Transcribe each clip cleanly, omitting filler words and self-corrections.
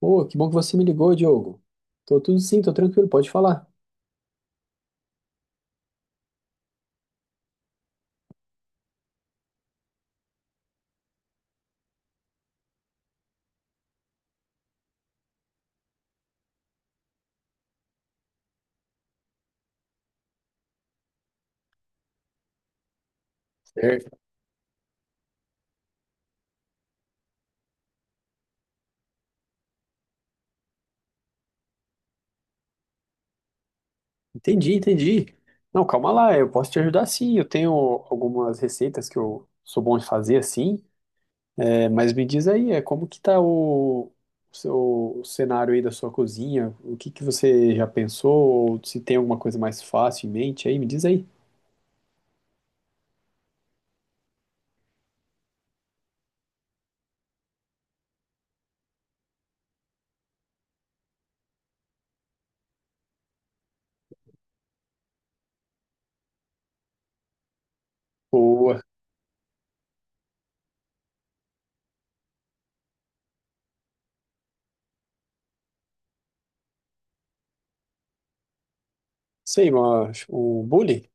Pô, que bom que você me ligou, Diogo. Tô tudo sim, tô tranquilo, pode falar. Certo. Entendi, entendi. Não, calma lá, eu posso te ajudar sim. Eu tenho algumas receitas que eu sou bom de fazer assim. É, mas me diz aí, é como que tá o seu o cenário aí da sua cozinha? O que que você já pensou? Ou se tem alguma coisa mais fácil em mente aí, me diz aí. Boa. Sei, mas o bule?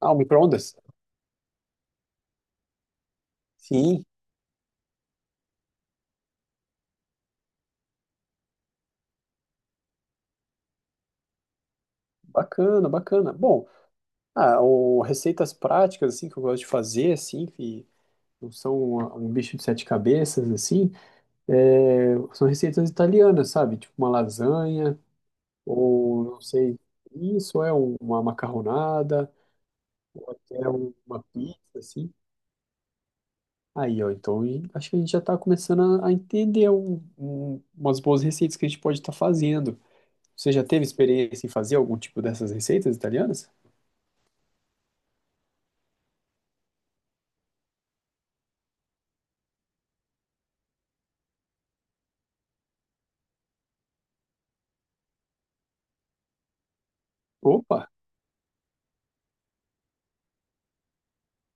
Ah, o micro-ondas? Sim, bacana, bacana. Bom, ah, ou receitas práticas, assim, que eu gosto de fazer, assim, que não são um bicho de sete cabeças, assim, é, são receitas italianas, sabe? Tipo uma lasanha, ou não sei, isso é uma macarronada, ou até uma pizza, assim. Aí, ó, então acho que a gente já tá começando a entender umas boas receitas que a gente pode estar fazendo. Você já teve experiência em fazer algum tipo dessas receitas italianas? Opa!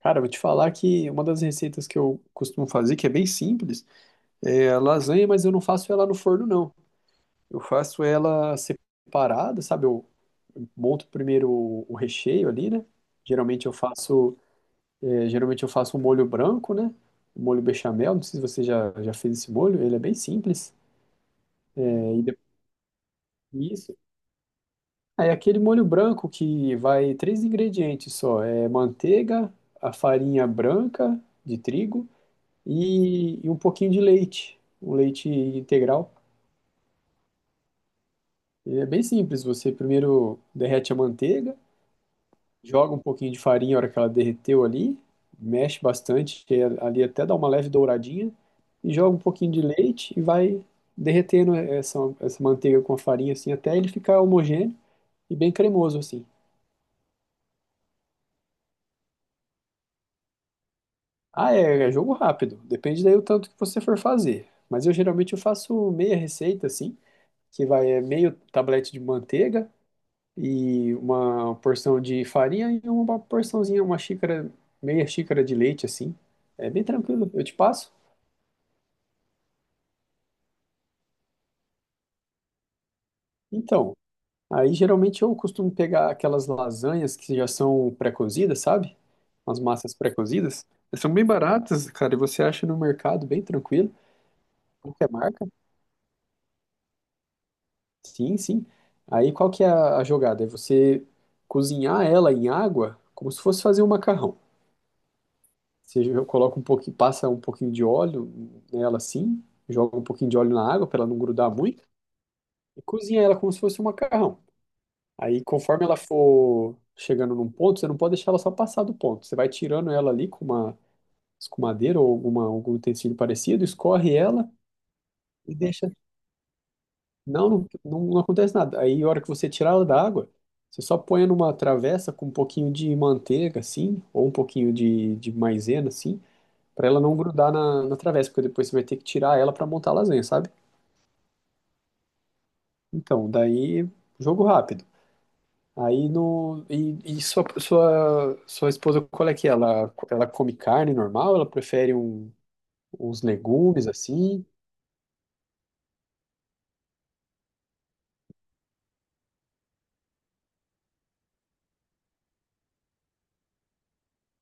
Cara, eu vou te falar que uma das receitas que eu costumo fazer, que é bem simples, é a lasanha, mas eu não faço ela no forno, não. Eu faço ela separada, sabe? Eu monto primeiro o recheio ali, né? Geralmente eu faço um molho branco, né? Um molho bechamel, não sei se você já fez esse molho, ele é bem simples. E depois disso, é aquele molho branco que vai três ingredientes só, é manteiga, a farinha branca de trigo e um pouquinho de leite, um leite integral. E é bem simples, você primeiro derrete a manteiga, joga um pouquinho de farinha na hora que ela derreteu ali, mexe bastante, que é ali até dá uma leve douradinha, e joga um pouquinho de leite e vai derretendo essa manteiga com a farinha assim até ele ficar homogêneo e bem cremoso assim. Ah, é jogo rápido, depende daí o tanto que você for fazer. Mas eu geralmente eu faço meia receita assim, que vai é meio tablete de manteiga, e uma porção de farinha e uma porçãozinha, uma xícara, meia xícara de leite, assim. É bem tranquilo, eu te passo. Então, aí geralmente eu costumo pegar aquelas lasanhas que já são pré-cozidas, sabe? As massas pré-cozidas. Elas são bem baratas, cara, e você acha no mercado bem tranquilo, qualquer marca. Sim, sim. Aí qual que é a jogada? É você cozinhar ela em água como se fosse fazer um macarrão. Você coloca um pouquinho, passa um pouquinho de óleo nela assim, joga um pouquinho de óleo na água para ela não grudar muito e cozinha ela como se fosse um macarrão. Aí, conforme ela for chegando num ponto, você não pode deixar ela só passar do ponto. Você vai tirando ela ali com uma escumadeira ou algum utensílio parecido, escorre ela e deixa. Não, não, não, não acontece nada. Aí, a hora que você tirar ela da água, você só põe numa travessa com um pouquinho de manteiga, assim, ou um pouquinho de maisena, assim. Pra ela não grudar na travessa, porque depois você vai ter que tirar ela pra montar a lasanha, sabe? Então, daí, jogo rápido. Aí no. E sua esposa, qual é que é? Ela come carne normal? Ela prefere uns legumes assim?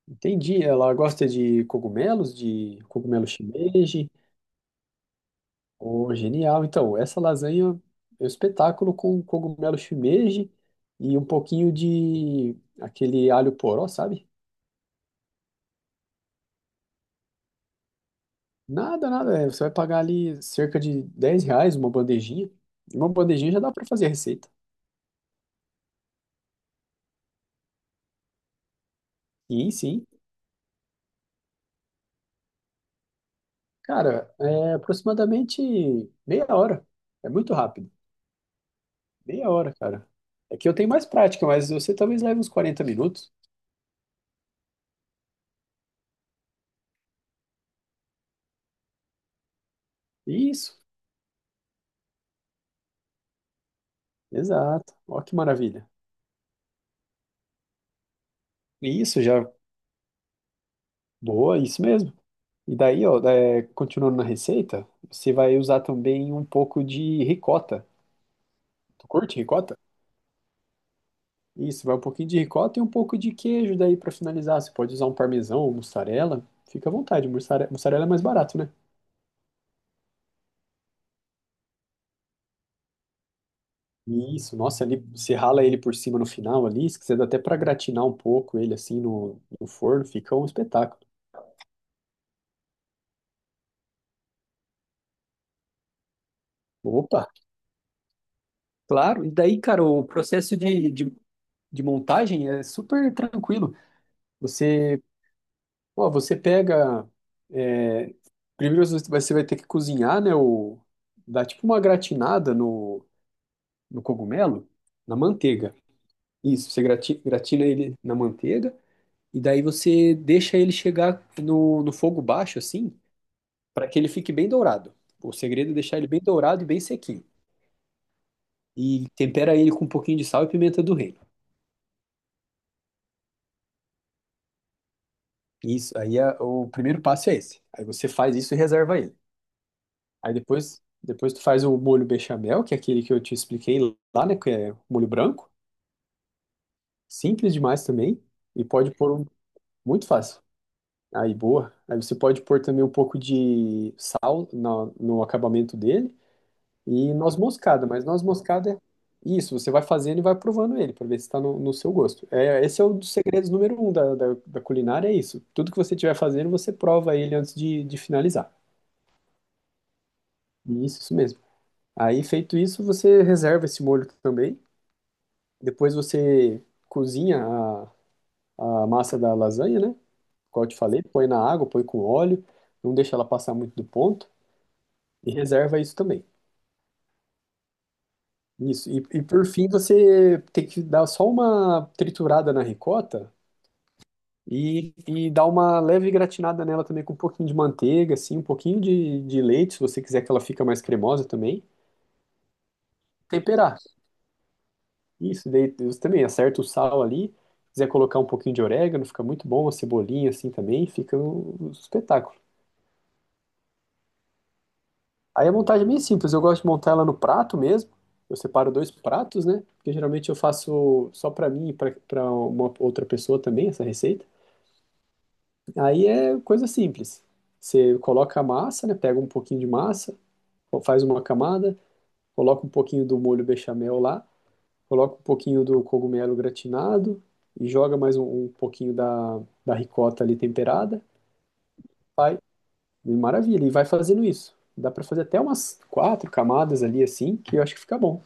Entendi. Ela gosta de cogumelos, de cogumelo shimeji. Oh, genial. Então, essa lasanha é um espetáculo com cogumelo shimeji e um pouquinho de aquele alho poró, sabe? Nada, nada. Você vai pagar ali cerca de R$ 10 uma bandejinha. E uma bandejinha já dá para fazer a receita. Sim, sim. Cara, é aproximadamente meia hora. É muito rápido. Meia hora, cara. É que eu tenho mais prática, mas você talvez leve uns 40 minutos. Isso, exato. Ó que maravilha. Isso já. Boa, isso mesmo. E daí, ó, continuando na receita, você vai usar também um pouco de ricota. Tu curte ricota? Isso, vai um pouquinho de ricota e um pouco de queijo daí pra finalizar. Você pode usar um parmesão ou mussarela. Fica à vontade, mussarela é mais barato, né? Isso, nossa, ali você rala ele por cima no final ali, se quiser dá até pra gratinar um pouco ele assim no forno, fica um espetáculo. Opa, claro. E daí, cara, o processo de montagem é super tranquilo. Você, você pega. é, primeiro você vai ter que cozinhar, né? Dá tipo uma gratinada no cogumelo, na manteiga. Isso, você gratina ele na manteiga e daí você deixa ele chegar no fogo baixo, assim, para que ele fique bem dourado. O segredo é deixar ele bem dourado e bem sequinho. E tempera ele com um pouquinho de sal e pimenta do reino. Isso, aí o primeiro passo é esse. Aí você faz isso e reserva ele. Aí depois tu faz o molho bechamel, que é aquele que eu te expliquei lá, né, que é molho branco. Simples demais também e pode pôr um, muito fácil. Aí, boa. Aí você pode pôr também um pouco de sal no acabamento dele e noz moscada, mas noz moscada é isso, você vai fazendo e vai provando ele para ver se está no seu gosto. É, esse é um dos segredos número um da culinária, é isso. Tudo que você estiver fazendo, você prova ele antes de finalizar. Isso mesmo. Aí, feito isso, você reserva esse molho também. Depois você cozinha a massa da lasanha, né? Qual eu te falei, põe na água, põe com óleo, não deixa ela passar muito do ponto. E reserva isso também. Isso. E por fim, você tem que dar só uma triturada na ricota e dar uma leve gratinada nela também com um pouquinho de manteiga, assim, um pouquinho de leite, se você quiser que ela fica mais cremosa também. Temperar. Isso, daí você também acerta o sal ali. Se quiser colocar um pouquinho de orégano, fica muito bom, uma cebolinha assim também, fica um espetáculo. Aí a montagem é bem simples, eu gosto de montar ela no prato mesmo. Eu separo dois pratos, né? Porque geralmente eu faço só pra mim e pra uma outra pessoa também essa receita. Aí é coisa simples. Você coloca a massa, né? Pega um pouquinho de massa, faz uma camada, coloca um pouquinho do molho bechamel lá, coloca um pouquinho do cogumelo gratinado e joga mais um pouquinho da ricota ali temperada. E maravilha, e vai fazendo isso. Dá pra fazer até umas quatro camadas ali assim, que eu acho que fica bom.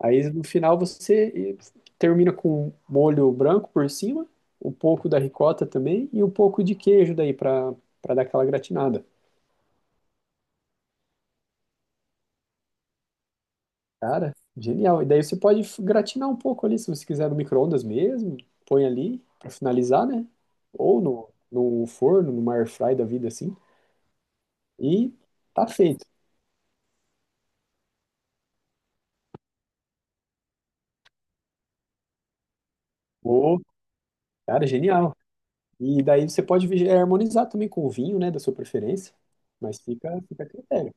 Aí no final você termina com um molho branco por cima, um pouco da ricota também e um pouco de queijo daí para dar aquela gratinada. Cara, genial. E daí você pode gratinar um pouco ali, se você quiser no micro-ondas mesmo, põe ali para finalizar, né? Ou no forno, numa air fry da vida assim, e tá feito. Ô, cara, genial. E daí você pode harmonizar também com o vinho, né, da sua preferência, mas fica a critério.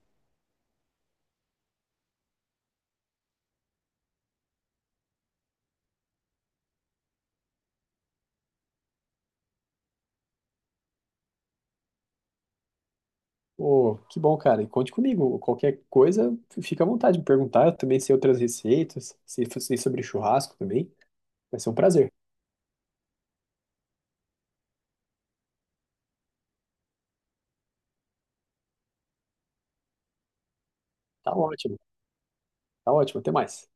Pô, que bom, cara. E conte comigo. Qualquer coisa, fica à vontade de me perguntar. Eu também sei outras receitas, sei sobre churrasco também. Vai ser um prazer. Tá ótimo. Tá ótimo. Até mais.